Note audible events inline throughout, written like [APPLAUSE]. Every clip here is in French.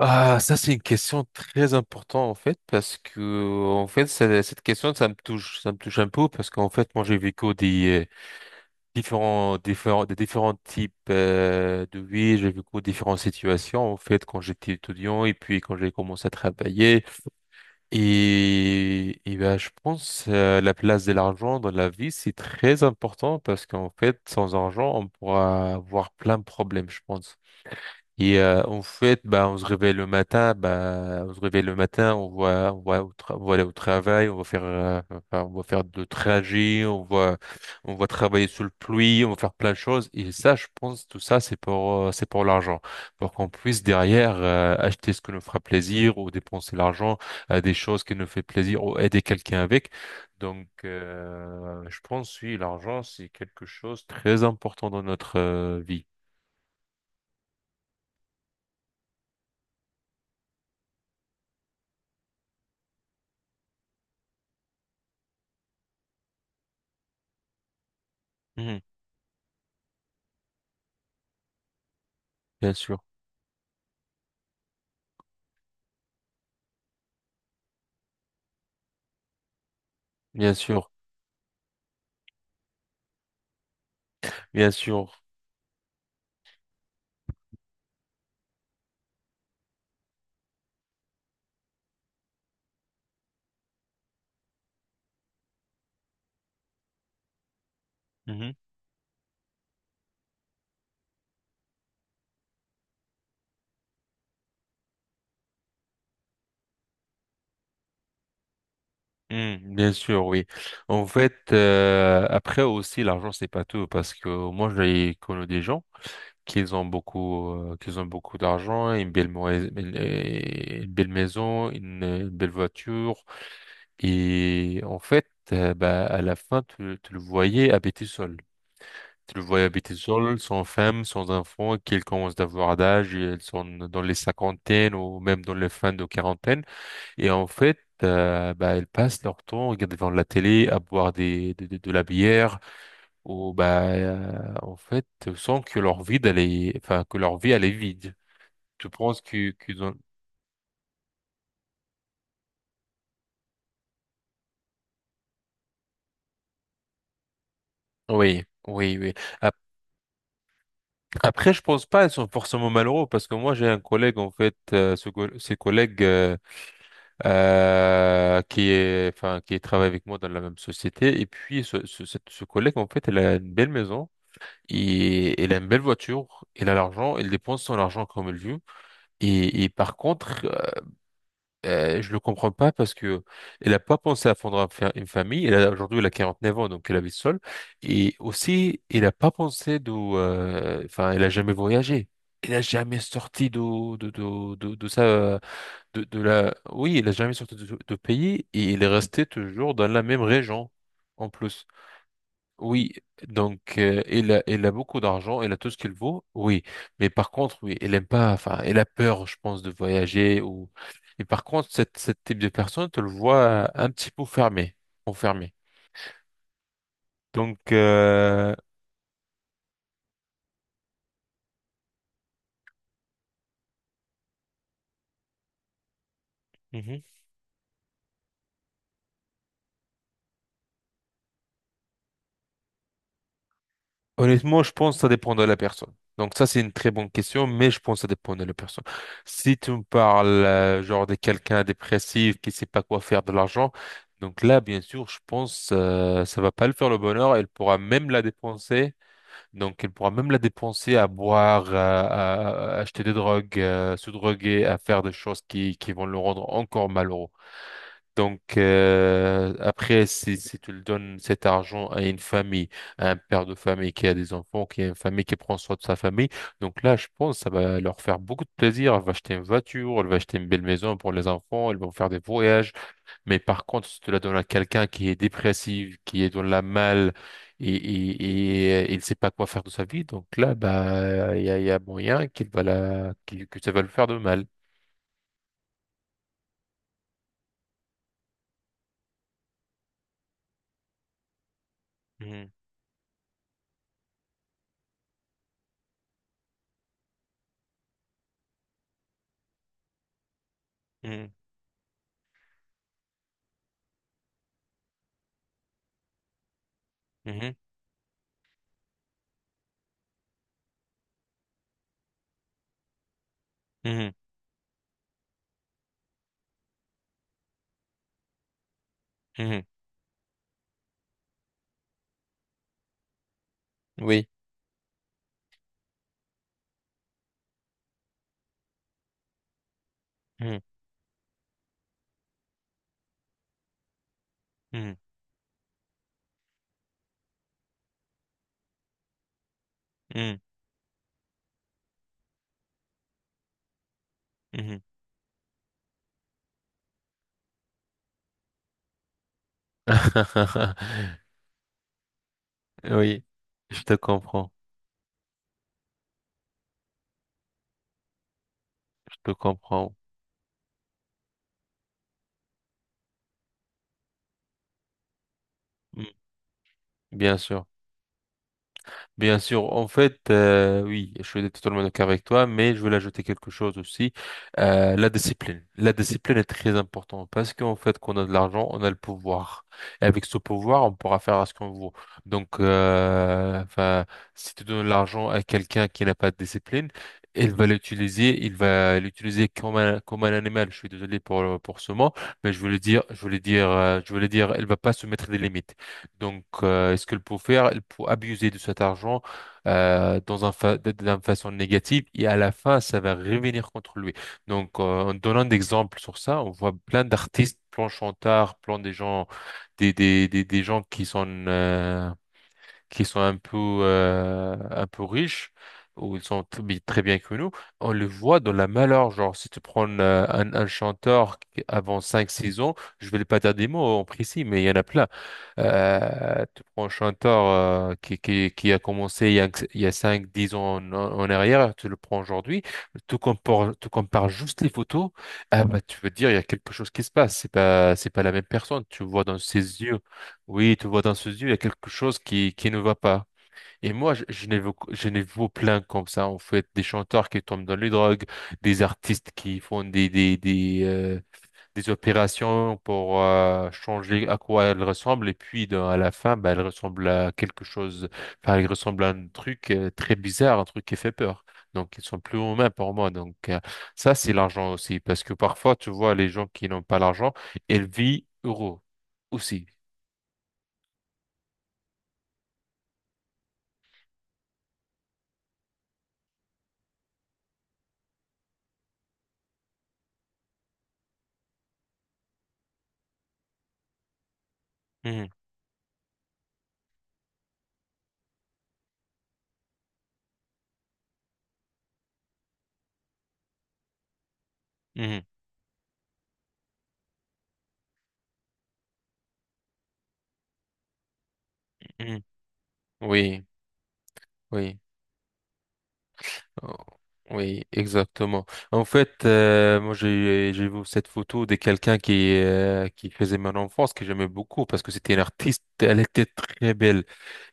Ah, ça c'est une question très importante en fait, parce que en fait cette question ça me touche un peu, parce qu'en fait moi j'ai vécu des différents différents des différents types de vie. J'ai vécu différentes situations en fait quand j'étais étudiant et puis quand j'ai commencé à travailler. Et ben je pense, la place de l'argent dans la vie c'est très important, parce qu'en fait sans argent on pourra avoir plein de problèmes, je pense. Et en fait, bah, on se réveille le matin, bah, on se réveille le matin. On va aller au travail, on va faire, enfin, on va faire de trajet. On va travailler sous le pluie, on va faire plein de choses. Et ça, je pense, tout ça, c'est pour, c'est pour l'argent, pour qu'on puisse derrière acheter ce qui nous fera plaisir, ou dépenser l'argent à des choses qui nous fait plaisir, ou aider quelqu'un avec. Donc, je pense, oui, l'argent, c'est quelque chose de très important dans notre vie. Mhm. Bien sûr, bien sûr. Bien sûr. Mhm. Mhm, bien sûr, oui. En fait, après aussi, l'argent, c'est pas tout, parce que moi, j'ai connu des gens qui ont beaucoup d'argent, une belle maison, une belle voiture. Et en fait, bah, à la fin, tu le voyais habiter seul. Tu le voyais habiter seul, sans femme, sans enfant, qu'ils commencent d'avoir d'âge, et elles sont dans les cinquantaines ou même dans les fins de quarantaine. Et en fait, bah, elles passent leur temps à regarder devant la télé, à boire de la bière. Ou bah, en fait, sans que leur vie, elle est, enfin, que leur vie, elle est vide. Je pense qu'ils ont... Oui, oui, oui. Ap- Après, je pense pas, elles sont forcément malheureux, parce que moi, j'ai un collègue, en fait, ce collègue, qui est, enfin, qui travaille avec moi dans la même société. Et puis ce collègue, en fait, elle a une belle maison. Et elle a une belle voiture, elle a l'argent, elle dépense son argent comme elle veut. Et par contre, je le comprends pas, parce que elle a pas pensé à fondre une famille. Elle a aujourd'hui elle a 9 ans, donc elle habite seule. Et aussi, elle a pas pensé de, enfin, elle a jamais voyagé. Elle a jamais sorti de sa de la, oui, elle a jamais sorti de pays, et elle est restée toujours dans la même région en plus. Oui, donc il a beaucoup d'argent, il a tout ce qu'il veut, oui. Mais par contre, oui, il aime pas, enfin, il a peur, je pense, de voyager ou. Et par contre, cette type de personne, tu le vois un petit peu fermé, enfermé. Donc, mhm. Honnêtement, je pense que ça dépend de la personne. Donc ça, c'est une très bonne question, mais je pense que ça dépend de la personne. Si tu me parles, genre de quelqu'un dépressif qui sait pas quoi faire de l'argent, donc là, bien sûr, je pense ça va pas le faire le bonheur. Elle pourra même la dépenser donc, elle pourra même la dépenser à boire, à acheter des drogues, à se droguer, à faire des choses qui vont le rendre encore malheureux. Donc, après, si tu le donnes cet argent à une famille, à un père de famille qui a des enfants, qui a une famille qui prend soin de sa famille, donc là, je pense que ça va leur faire beaucoup de plaisir. Elle va acheter une voiture, elle va acheter une belle maison pour les enfants, elles vont faire des voyages. Mais par contre, si tu la donnes à quelqu'un qui est dépressif, qui est dans la malle et il ne sait pas quoi faire de sa vie, donc là, bah, il y a moyen qu'il va la, qu'il- que ça va le faire de mal. Mhm, mhm, mhm, mhm, mhm. Oui. Mhm, mhm, mhm, mhm. [LAUGHS] Oui, je te comprends, je te comprends. Mhm, bien sûr. Bien sûr, en fait, oui, je suis totalement d'accord avec toi, mais je voulais ajouter quelque chose aussi, la discipline. La discipline est très importante, parce qu'en fait, quand on a de l'argent, on a le pouvoir. Et avec ce pouvoir, on pourra faire ce qu'on veut. Donc, enfin, si tu donnes l'argent à quelqu'un qui n'a pas de discipline, il va l'utiliser comme un animal. Je suis désolé pour ce mot, mais je voulais dire, il va pas se mettre des limites. Donc, est-ce qu'elle peut faire? Elle peut abuser de cet argent, dans un fa- de- d'une façon négative, et à la fin, ça va revenir contre lui. Donc, en donnant d'exemples sur ça, on voit plein d'artistes, plein de chanteurs, plein des gens, des gens qui sont un peu riches. Ou ils sont très bien que nous, on le voit dans la malheur. Genre, si tu prends, un chanteur avant cinq 6 ans, je vais pas dire des mots en précis, mais il y en a plein. Tu prends un chanteur, qui a commencé il y a 5 10 ans en arrière, tu le prends aujourd'hui, tu compares juste les photos. Ah bah, tu veux dire, il y a quelque chose qui se passe, c'est pas la même personne, tu vois dans ses yeux, oui, tu vois dans ses yeux, il y a quelque chose qui ne va pas. Et moi, je n'ai vu plein comme ça, en fait, des chanteurs qui tombent dans les drogues, des artistes qui font des opérations pour changer à quoi elle ressemble, et puis à la fin, bah, elle ressemble à quelque chose, enfin elle ressemble à un truc, très bizarre, un truc qui fait peur. Donc ils sont plus humains pour moi. Donc, ça c'est l'argent aussi, parce que parfois tu vois les gens qui n'ont pas l'argent, ils vivent heureux aussi. Mhm, mhm, mhm. Oui. Oui. Oh, oui, exactement. En fait, moi j'ai vu cette photo de quelqu'un qui, qui faisait mon enfance, que j'aimais beaucoup, parce que c'était une artiste. Elle était très belle.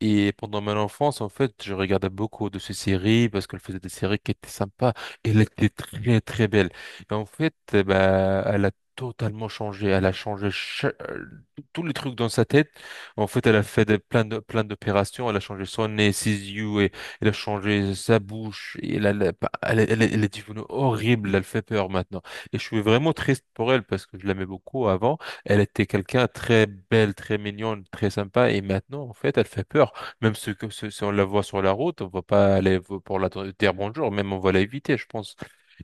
Et pendant mon enfance, en fait, je regardais beaucoup de ces séries parce qu'elle faisait des séries qui étaient sympas. Elle était très, très belle. Et en fait, eh ben, elle a totalement changé. Elle a changé tous les trucs dans sa tête. En fait, elle a fait plein d'opérations. Elle a changé son nez, ses yeux, et elle a changé sa bouche. Elle est devenue horrible. Elle fait peur maintenant. Et je suis vraiment triste pour elle parce que je l'aimais beaucoup avant. Elle était quelqu'un de très belle, très mignonne, très sympa. Et maintenant, en fait, elle fait peur. Même, si on la voit sur la route, on va pas aller pour la dire bonjour, même on va l'éviter, je pense.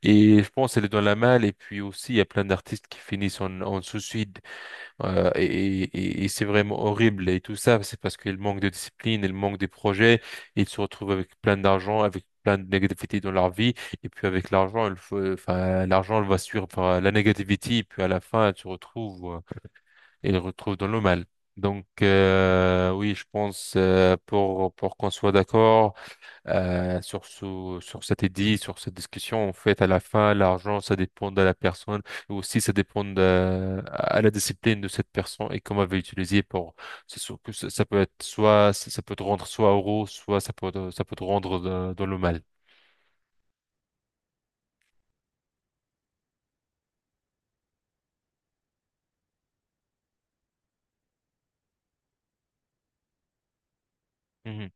Et je pense qu'elle est dans la malle. Et puis aussi, il y a plein d'artistes qui finissent en suicide. euh, et et c'est vraiment horrible. Et tout ça, c'est parce qu'ils manquent de discipline, ils manquent de projets. Ils se retrouvent avec plein d'argent, avec plein de négativité dans leur vie. Et puis avec l'argent, il faut, enfin, l'argent, elle va suivre enfin, la négativité. Et puis à la fin, tu retrouves il retrouve dans le mal. Donc, oui, je pense, pour qu'on soit d'accord, sur cet édit, sur cette discussion. En fait, à la fin, l'argent, ça dépend de la personne, et aussi ça dépend de, à la discipline de cette personne et comment elle va l'utiliser pour. C'est sûr que ça peut être, soit ça peut te rendre soit heureux, soit ça peut te rendre dans le mal. Mhm,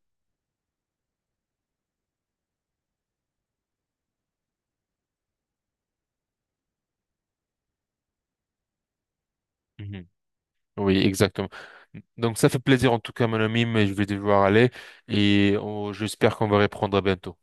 mhm. Oui, exactement. Donc ça fait plaisir en tout cas, mon ami, mais je vais devoir aller, et j'espère qu'on va reprendre bientôt.